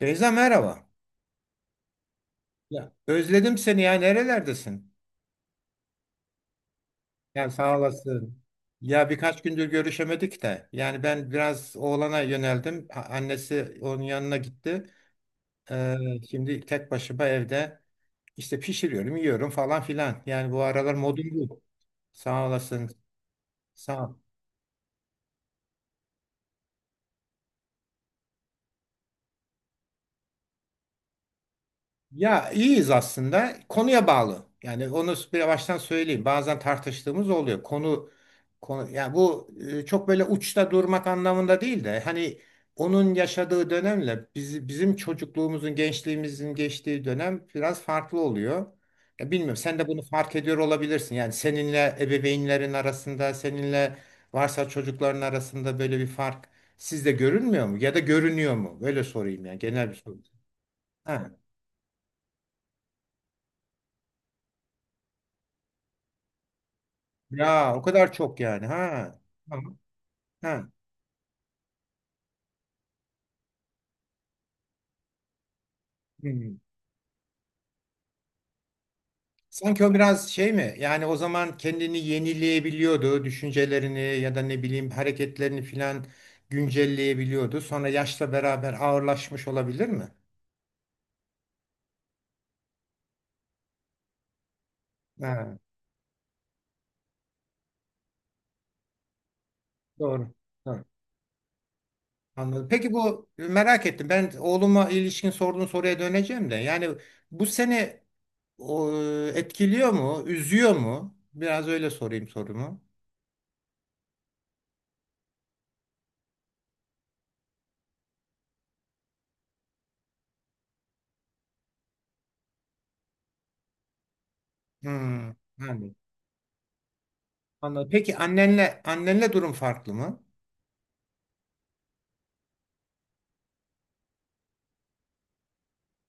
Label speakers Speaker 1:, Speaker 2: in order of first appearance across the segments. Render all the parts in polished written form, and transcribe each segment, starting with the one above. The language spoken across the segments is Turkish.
Speaker 1: Beyza, merhaba. Ya. Özledim seni, ya nerelerdesin? Yani sağ olasın. Ya birkaç gündür görüşemedik de. Yani ben biraz oğlana yöneldim. Annesi onun yanına gitti. Ee, Şimdi tek başıma evde işte pişiriyorum, yiyorum falan filan. Yani bu aralar modum bu. Sağ olasın. Sağ. Ya iyiyiz aslında. Konuya bağlı. Yani onu bir baştan söyleyeyim. Bazen tartıştığımız oluyor. Konu yani bu çok böyle uçta durmak anlamında değil de hani onun yaşadığı dönemle bizim çocukluğumuzun, gençliğimizin geçtiği dönem biraz farklı oluyor. Ya bilmiyorum, sen de bunu fark ediyor olabilirsin. Yani seninle ebeveynlerin arasında, seninle varsa çocukların arasında böyle bir fark sizde görünmüyor mu? Ya da görünüyor mu? Böyle sorayım, yani genel bir soru. Ha. Ya o kadar çok, yani. Ha. Tamam. Ha. Hmm. Sanki o biraz şey mi? Yani o zaman kendini yenileyebiliyordu. Düşüncelerini ya da ne bileyim hareketlerini filan güncelleyebiliyordu. Sonra yaşla beraber ağırlaşmış olabilir mi? Ha. Doğru. Doğru. Anladım. Peki bu, merak ettim. Ben oğluma ilişkin sorduğun soruya döneceğim de. Yani bu seni o, etkiliyor mu? Üzüyor mu? Biraz öyle sorayım sorumu. Hmm. Yani. Anladım. Peki annenle durum farklı mı?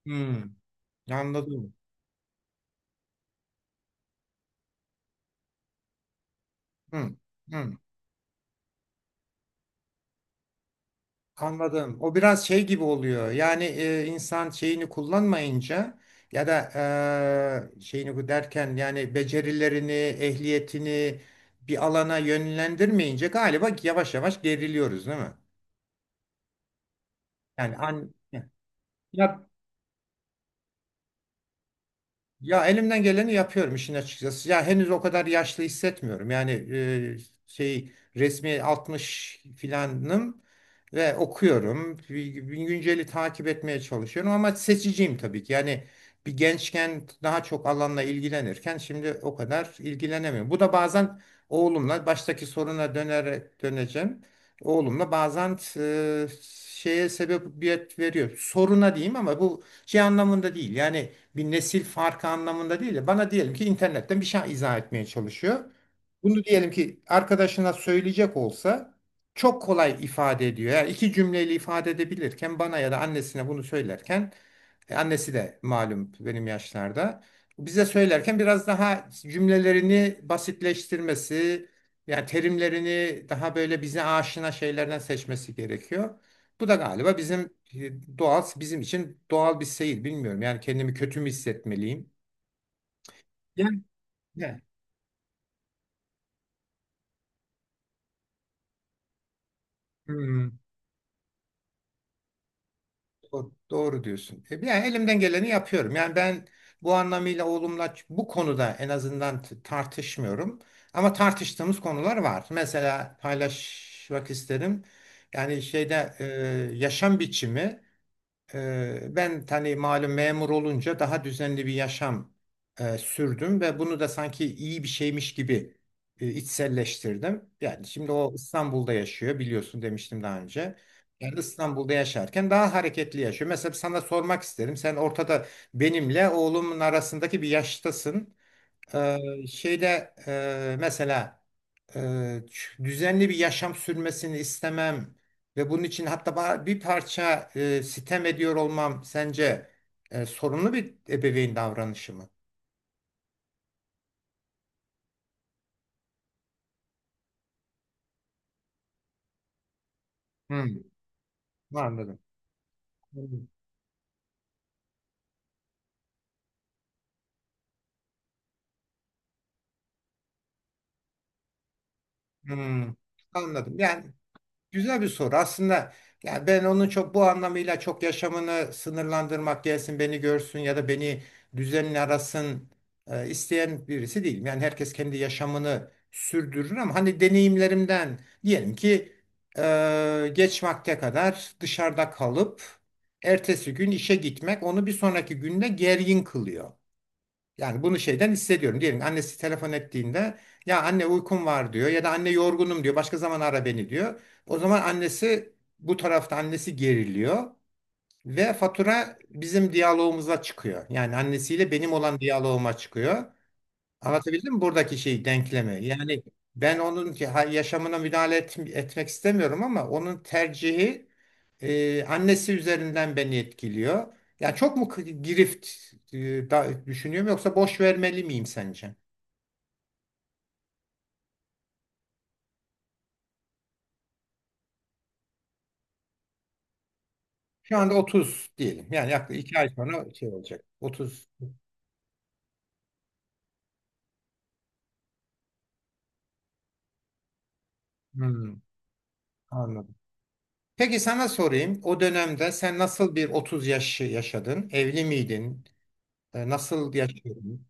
Speaker 1: Hmm, anladım. Hmm, hmm, anladım. O biraz şey gibi oluyor. Yani insan şeyini kullanmayınca ya da şeyini, bu derken yani becerilerini, ehliyetini bir alana yönlendirmeyince galiba yavaş yavaş geriliyoruz, değil mi? Yani ya ya elimden geleni yapıyorum işin açıkçası. Ya henüz o kadar yaşlı hissetmiyorum. Yani şey resmi 60 filanım ve okuyorum. Bir Günceli takip etmeye çalışıyorum ama seçiciyim tabii ki. Yani bir gençken daha çok alanla ilgilenirken şimdi o kadar ilgilenemiyorum. Bu da bazen oğlumla baştaki soruna dönerek döneceğim. Oğlumla bazen şeye sebebiyet veriyor. Soruna diyeyim ama bu şey anlamında değil. Yani bir nesil farkı anlamında değil de bana diyelim ki internetten bir şey izah etmeye çalışıyor. Bunu diyelim ki arkadaşına söyleyecek olsa çok kolay ifade ediyor. Yani iki cümleyle ifade edebilirken bana ya da annesine bunu söylerken annesi de malum benim yaşlarda bize söylerken biraz daha cümlelerini basitleştirmesi, yani terimlerini daha böyle bize aşina şeylerden seçmesi gerekiyor. Bu da galiba bizim doğal, bizim için doğal bir seyir. Bilmiyorum, yani kendimi kötü mü hissetmeliyim? Yani. Ne? Hmm. Doğru, doğru diyorsun. Yani elimden geleni yapıyorum. Yani ben bu anlamıyla oğlumla bu konuda en azından tartışmıyorum. Ama tartıştığımız konular var. Mesela paylaşmak isterim. Yani şeyde yaşam biçimi. Ben hani malum memur olunca daha düzenli bir yaşam sürdüm ve bunu da sanki iyi bir şeymiş gibi içselleştirdim. Yani şimdi o İstanbul'da yaşıyor, biliyorsun, demiştim daha önce. Yani İstanbul'da yaşarken daha hareketli yaşıyor. Mesela sana sormak isterim. Sen ortada, benimle oğlumun arasındaki bir yaştasın. Şeyde mesela düzenli bir yaşam sürmesini istemem ve bunun için hatta bir parça sitem ediyor olmam sence sorunlu bir ebeveyn davranışı mı? Hmm, anladım. Hmm, hmm, anladım. Yani güzel bir soru. Aslında yani ben onun çok bu anlamıyla çok yaşamını sınırlandırmak, gelsin beni görsün ya da beni düzenle arasın isteyen birisi değilim. Yani herkes kendi yaşamını sürdürür, ama hani deneyimlerimden diyelim ki geç vakte kadar dışarıda kalıp ertesi gün işe gitmek onu bir sonraki günde gergin kılıyor. Yani bunu şeyden hissediyorum. Diyelim annesi telefon ettiğinde ya anne uykum var diyor ya da anne yorgunum diyor. Başka zaman ara beni diyor. O zaman annesi, bu tarafta annesi geriliyor ve fatura bizim diyalogumuza çıkıyor. Yani annesiyle benim olan diyaloguma çıkıyor. Anlatabildim mi buradaki şey denklemi? Yani ben onun yaşamına etmek istemiyorum, ama onun tercihi annesi üzerinden beni etkiliyor. Ya çok mu girift düşünüyorum, yoksa boş vermeli miyim sence? Şu anda 30 diyelim. Yani yaklaşık 2 ay sonra şey olacak. 30. Hmm, anladım. Peki sana sorayım. O dönemde sen nasıl bir 30 yaşı yaşadın? Evli miydin? Nasıl yaşıyordun?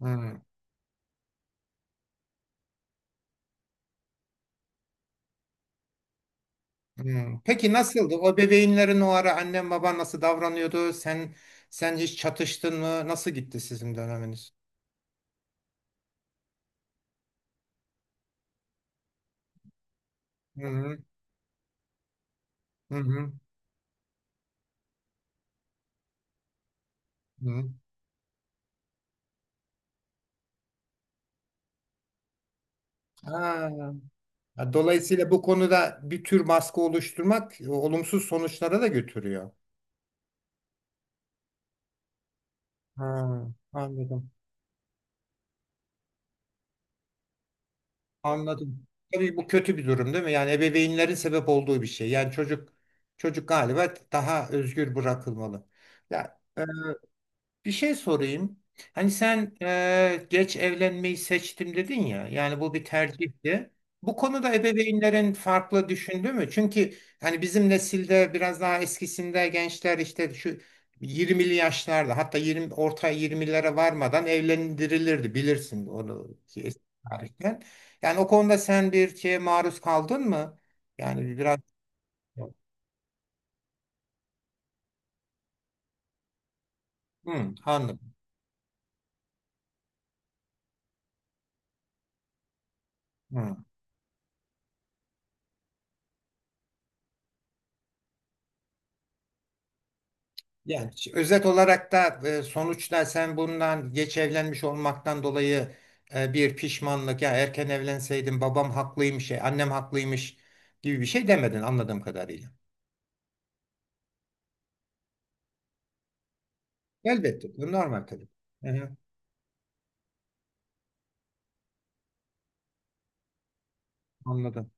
Speaker 1: Hmm. Hmm. Peki nasıldı? O bebeğinlerin o ara annen baban nasıl davranıyordu? Sen hiç çatıştın mı? Nasıl gitti sizin döneminiz? Hı hı. Hı hı. Hı. Ha. Ha, dolayısıyla bu konuda bir tür baskı oluşturmak olumsuz sonuçlara da götürüyor. Ha, anladım. Anladım. Tabii bu kötü bir durum, değil mi? Yani ebeveynlerin sebep olduğu bir şey. Yani çocuk galiba daha özgür bırakılmalı. Ya e, Bir şey sorayım. Hani sen geç evlenmeyi seçtim dedin ya. Yani bu bir tercihti. Bu konuda ebeveynlerin farklı düşündü mü? Çünkü hani bizim nesilde biraz daha eskisinde gençler işte şu 20'li yaşlarda, hatta 20, orta 20'lere varmadan evlendirilirdi. Bilirsin onu ki eski tarihten. Yani o konuda sen bir şeye maruz kaldın mı? Yani biraz. Hı, anladım. Hı. Yani özet olarak da sonuçta sen bundan geç evlenmiş olmaktan dolayı bir pişmanlık, ya erken evlenseydim babam haklıymış, annem haklıymış gibi bir şey demedin anladığım kadarıyla. Elbette bu normal tabii. Hı-hı, anladım.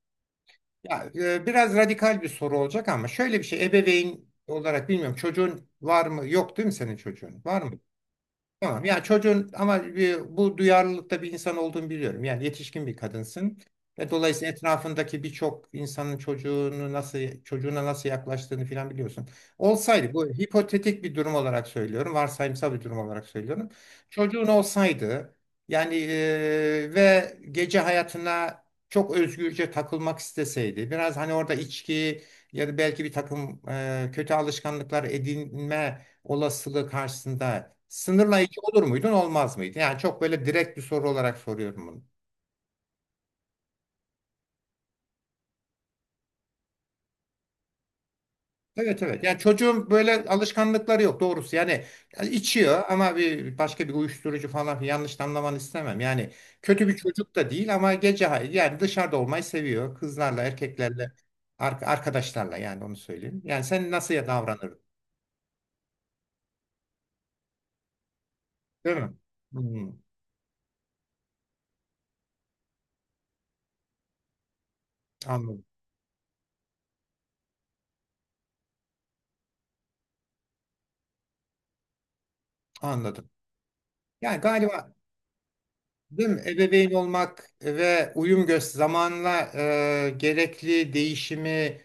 Speaker 1: Ya biraz radikal bir soru olacak ama şöyle bir şey, ebeveyn olarak, bilmiyorum çocuğun var mı yok, değil mi, senin çocuğun var mı? Tamam. Ya çocuğun, ama bu duyarlılıkta bir insan olduğunu biliyorum. Yani yetişkin bir kadınsın. Ve dolayısıyla etrafındaki birçok insanın çocuğunu nasıl çocuğuna nasıl yaklaştığını filan biliyorsun. Olsaydı, bu hipotetik bir durum olarak söylüyorum. Varsayımsal bir durum olarak söylüyorum. Çocuğun olsaydı yani ve gece hayatına çok özgürce takılmak isteseydi. Biraz hani orada içki ya da belki bir takım kötü alışkanlıklar edinme olasılığı karşısında sınırlayıcı olur muydun, olmaz mıydı? Yani çok böyle direkt bir soru olarak soruyorum bunu. Evet, evet. Yani çocuğun böyle alışkanlıkları yok doğrusu. Yani yani içiyor, ama bir başka bir uyuşturucu falan filan, yanlış anlamanı istemem. Yani kötü bir çocuk da değil, ama yani dışarıda olmayı seviyor. Kızlarla, erkeklerle, arkadaşlarla, yani onu söyleyeyim. Yani sen nasıl ya davranırdın, değil mi? Hmm, anladım. Anladım. Yani galiba, değil mi, ebeveyn olmak ve uyum göz zamanla gerekli değişimi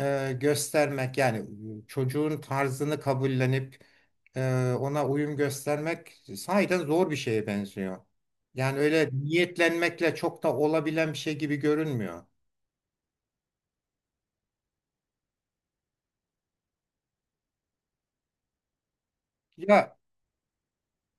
Speaker 1: göstermek, yani çocuğun tarzını kabullenip ona uyum göstermek sahiden zor bir şeye benziyor. Yani öyle niyetlenmekle çok da olabilen bir şey gibi görünmüyor. Ya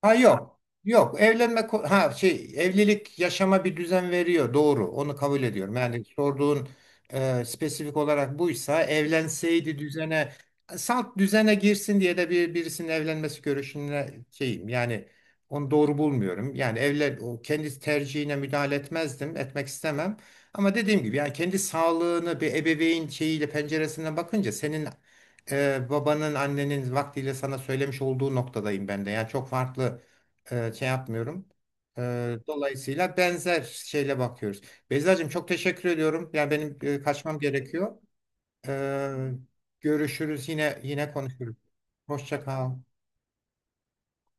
Speaker 1: Ha yok. Yok, evlenme ko- ha şey, evlilik yaşama bir düzen veriyor, doğru, onu kabul ediyorum. Yani sorduğun spesifik olarak buysa, evlenseydi düzene, salt düzene girsin diye de bir birisinin evlenmesi görüşüne şeyim yani, onu doğru bulmuyorum. Yani evlen, o kendi tercihine müdahale etmezdim etmek istemem. Ama dediğim gibi, yani kendi sağlığını bir ebeveyn şeyiyle, penceresinden bakınca senin babanın annenin vaktiyle sana söylemiş olduğu noktadayım ben de. Yani çok farklı şey yapmıyorum. Dolayısıyla benzer şeyle bakıyoruz. Beyzacığım, çok teşekkür ediyorum. Yani benim kaçmam gerekiyor. E, Görüşürüz, yine konuşuruz. Hoşça kal.